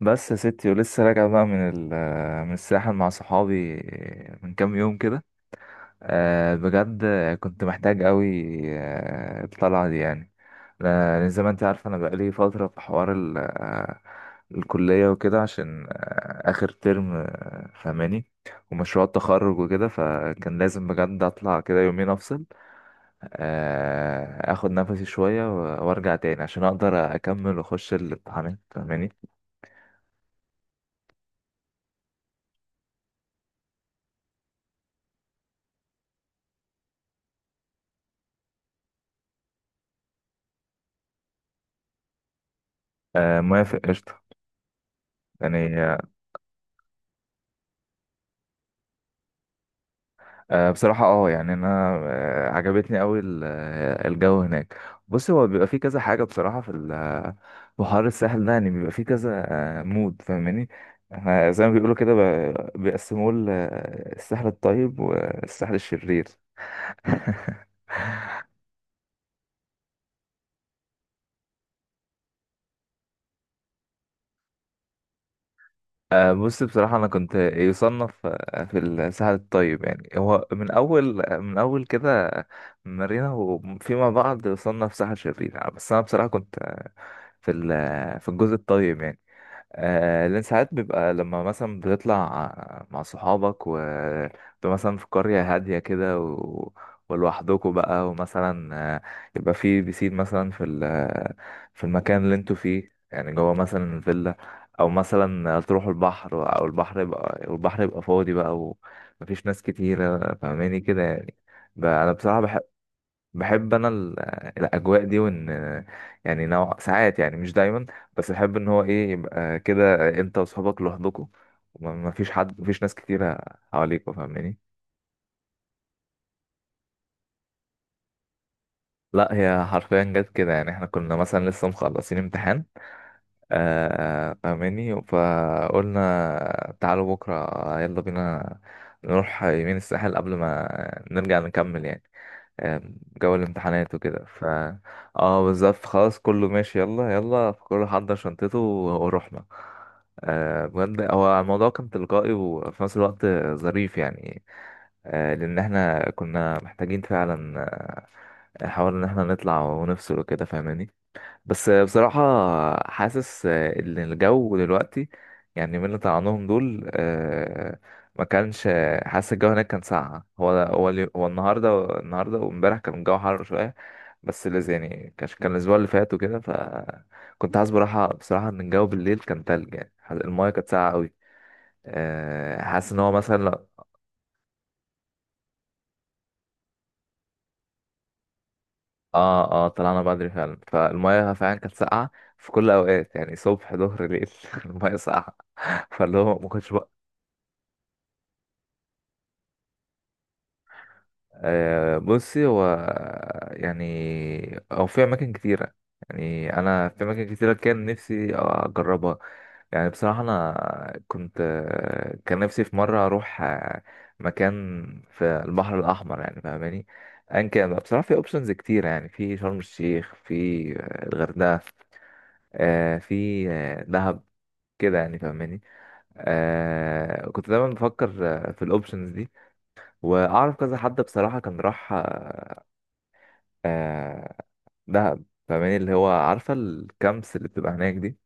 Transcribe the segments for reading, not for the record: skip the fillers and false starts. بس يا ستي ولسه راجع بقى من الساحل مع صحابي من كام يوم كده. بجد كنت محتاج قوي. الطلعة دي يعني، لأن زي ما انت عارفة انا بقالي فترة في حوار ال آه، الكلية وكده، عشان آخر ترم فهماني، ومشروع التخرج وكده، فكان لازم بجد اطلع كده يومين افصل، اخد نفسي شوية وارجع تاني عشان اقدر اكمل واخش الامتحانات فهماني. موافق، قشطة يعني. بصراحة يعني انا عجبتني قوي الجو هناك. بص، هو بيبقى فيه كذا حاجة بصراحة في في حوار الساحل ده، يعني بيبقى فيه كذا مود، فاهماني. احنا زي ما بيقولوا كده بيقسموه الساحل الطيب والساحل الشرير. بص بصراحة أنا كنت يصنف في الساحل الطيب، يعني هو من أول كده مارينا، وفيما بعد يصنف ساحل شرير، بس أنا بصراحة كنت في في الجزء الطيب يعني. لأن ساعات بيبقى لما مثلا بتطلع مع صحابك، و بتبقى مثلا في قرية هادية كده ولوحدكوا بقى، ومثلا يبقى في بيسين مثلا في في المكان اللي انتوا فيه يعني، جوه مثلا الفيلا، أو مثلا تروحوا البحر، أو البحر يبقى والبحر يبقى فاضي بقى، ومفيش ناس كتيرة، فاهماني كده يعني. أنا بصراحة بحب، بحب انا ال- الاجواء دي، وان يعني نوع، ساعات يعني مش دايما، بس بحب ان هو ايه، يبقى كده انت واصحابك لوحدكم، وما فيش حد، مفيش ناس كتيره حواليك، فاهماني. لا، هي حرفيا جت كده، يعني احنا كنا مثلا لسه مخلصين امتحان، آه فاهماني، فقلنا تعالوا بكره يلا بينا نروح يمين الساحل قبل ما نرجع نكمل يعني، آم، جو الامتحانات وكده، ف اه بالظبط، خلاص كله ماشي، يلا يلا كله حضر شنطته ورحنا. بجد هو الموضوع كان تلقائي وفي نفس الوقت ظريف يعني. لأن احنا كنا محتاجين فعلا نحاول إن احنا نطلع ونفصل وكده، فاهماني. بس بصراحة حاسس إن الجو دلوقتي، يعني من اللي طلعناهم دول، ما كانش حاسس الجو هناك كان ساقع، هو هو النهاردة، النهاردة وامبارح كان الجو حر شوية، بس اللي يعني كان الأسبوع اللي فات وكده، فكنت حاسس براحة بصراحة إن الجو بالليل كان تلج يعني، المايه كانت ساقعة أوي. حاسس إن هو مثلا اه اه طلعنا بدري فعلا، فالمايه فعلا كانت ساقعة في كل الأوقات، يعني صبح ظهر ليل المايه ساقعة، فاللي هو ما كنتش. بصي هو يعني، او في اماكن كتيره يعني، انا في اماكن كتيره كان نفسي اجربها، يعني بصراحه انا كنت كان نفسي في مره اروح مكان في البحر الاحمر يعني، فاهماني، ان كان بقى. بصراحه في اوبشنز كتيره، يعني في شرم الشيخ، في الغردقه، آه، في آه، دهب كده يعني، فاهماني. آه كنت دايما بفكر في الاوبشنز دي، واعرف كذا حد بصراحه كان راح آه دهب، فاهماني، اللي هو عارفة الكامبس اللي بتبقى هناك دي.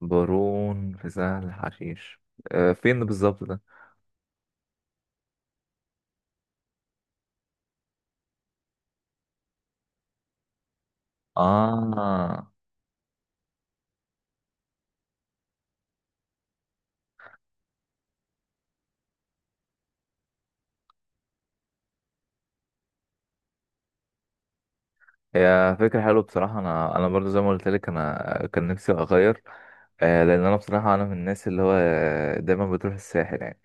بارون في سهل حشيش، آه فين بالظبط ده؟ اه، هي فكرة حلوة بصراحة، انا انا برضو زي ما قلت لك انا كان نفسي اغير، آه لان انا بصراحة انا من الناس اللي هو دايما بتروح الساحل يعني،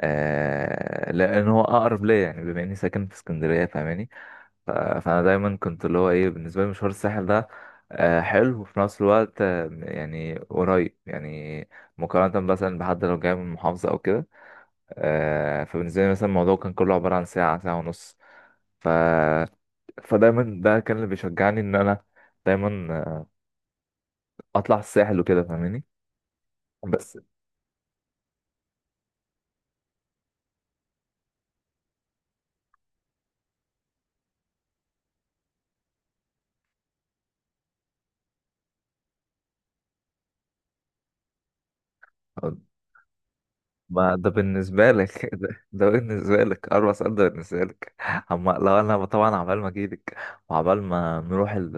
آه لان هو اقرب ليا يعني بما اني ساكن في اسكندرية، فاهماني. ف- فانا دايما كنت اللي هو ايه، بالنسبه لي مشوار الساحل ده حلو وفي نفس الوقت يعني قريب يعني، مقارنه مثلا بحد لو جاي من محافظه او كده. فبالنسبه لي مثلا الموضوع كان كله عباره عن ساعه، ساعه ونص. ف فدايما ده كان اللي بيشجعني ان انا دايما اطلع الساحل وكده، فاهماني. بس ما ده بالنسبه لك ده, ده بالنسبه لك اربع ساعات، ده بالنسبه لك. اما لو انا طبعا عبال ما اجيلك، وعبال ما نروح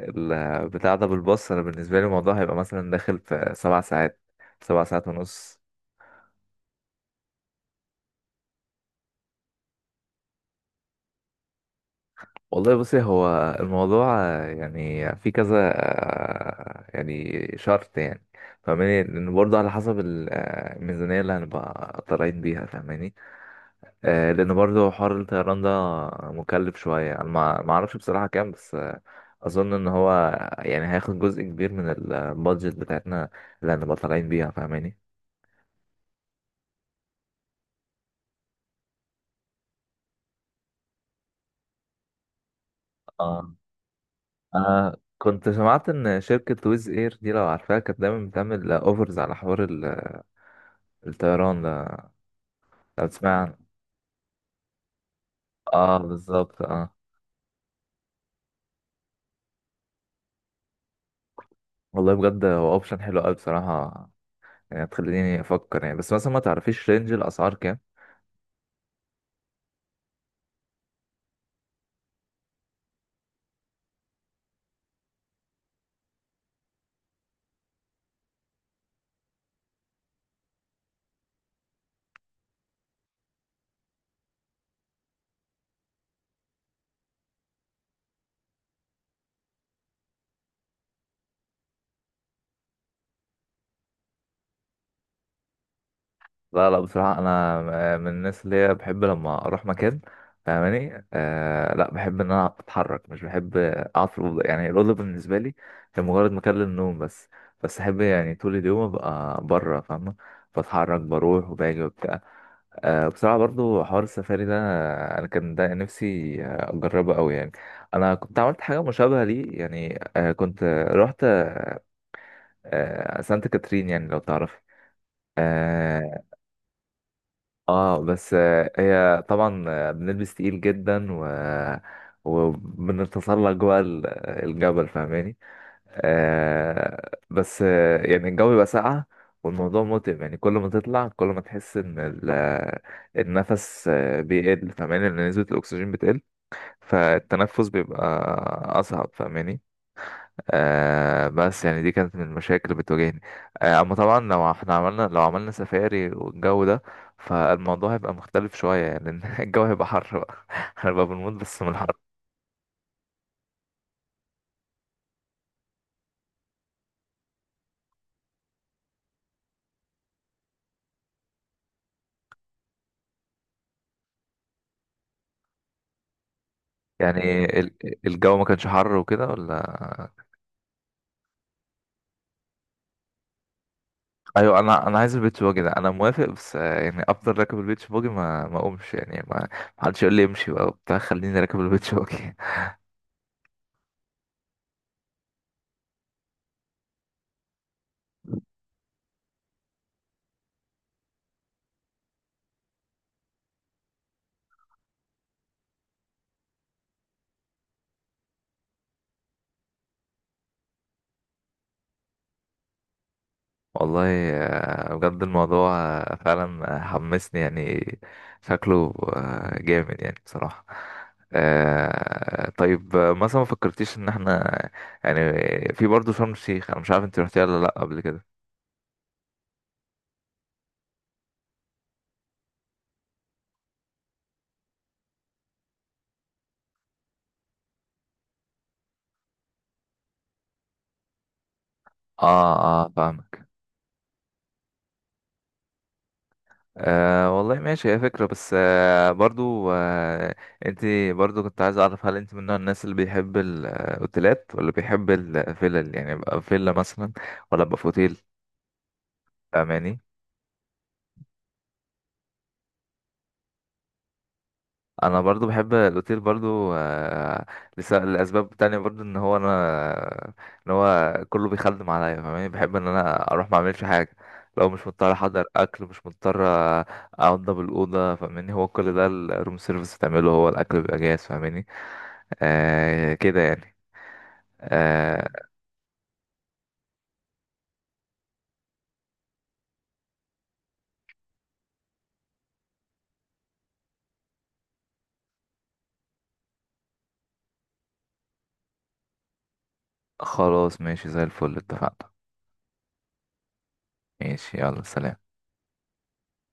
البتاع ده بالباص، انا بالنسبه لي الموضوع هيبقى مثلا داخل في سبع ساعات، سبع ساعات ونص. والله بصي، هو الموضوع يعني في كذا يعني شرط يعني، فاهماني، لان برضه على حسب الميزانيه اللي هنبقى طالعين بيها، فاهماني. لان برضه حوار الطيران ده مكلف شويه، انا ما اعرفش بصراحه كام، بس اظن ان هو يعني هياخد جزء كبير من البادجت بتاعتنا اللي هنبقى طالعين بيها، فاهماني. انا كنت سمعت ان شركة ويز اير دي لو عارفاها كانت دايما بتعمل اوفرز على حوار الطيران ده، لو تسمع عنه. اه بالظبط اه. والله بجد هو اوبشن حلو قوي بصراحة، يعني تخليني افكر يعني، بس مثلا ما تعرفيش رينج الاسعار. لا لا، بصراحة أنا من الناس اللي هي بحب لما أروح مكان، فاهماني. آه لا، بحب إن أنا أتحرك، مش بحب أقعد في الأوضة، يعني الأوضة بالنسبة لي هي مجرد مكان للنوم بس، بس أحب يعني طول اليوم أبقى بره، فاهمة، بتحرك بروح وباجي وبتاع. آه بصراحة برضو حوار السفاري ده أنا كان ده نفسي أجربه أوي يعني. أنا كنت عملت حاجة مشابهة ليه يعني، آه كنت رحت آه سانت كاترين يعني لو تعرفي. آه، اه بس هي طبعا بنلبس تقيل جدا، و وبنتسلق جوه الجبل، فاهماني. آه بس آه، يعني الجو بيبقى ساقع، والموضوع متعب يعني، كل ما تطلع كل ما تحس ان النفس بيقل، فاهماني، لان نسبة الاكسجين بتقل، فالتنفس بيبقى اصعب، فاهماني. بس يعني دي كانت من المشاكل اللي بتواجهني. اما طبعا لو احنا عملنا، لو عملنا سفاري والجو ده، فالموضوع هيبقى مختلف شوية يعني، لأن الجو هيبقى حر بقى هنبقى بنموت بس من الحر. يعني الجو ما كانش حر وكده ولا؟ ايوه، انا عايز البيتش باجي ده، انا موافق، بس يعني افضل راكب البيتش باجي، ما اقومش يعني، ما حدش يقول لي امشي بقى وبتاع، خليني راكب البيتش باجي. والله بجد الموضوع فعلا حمسني يعني، شكله جامد يعني بصراحة. طيب مثلا ما فكرتيش ان احنا يعني في برضه شرم الشيخ؟ انا مش عارف انت رحتيها ولا لا قبل كده. اه اه، فاهمك. والله ماشي، هي فكرة، بس برضو انت برضو كنت عايز اعرف، هل انت من نوع الناس اللي بيحب الاوتيلات ولا بيحب الفيلل؟ يعني يبقى فيلا مثلا، ولا يبقى في اوتيل، فاهماني. انا برضو بحب الاوتيل برضو لاسباب تانية، برضو ان هو انا، ان هو كله بيخدم عليا، فاهماني، بحب ان انا اروح ما اعملش حاجه، لو مش مضطر احضر اكل، مش مضطر انضف الاوضه، فاهماني، هو كل ده الروم سيرفيس بتعمله، هو الاكل بيبقى جاهز، فاهماني، آه كده يعني. آه خلاص ماشي، زي الفل، اتفقنا. ماشي يلا، سلام.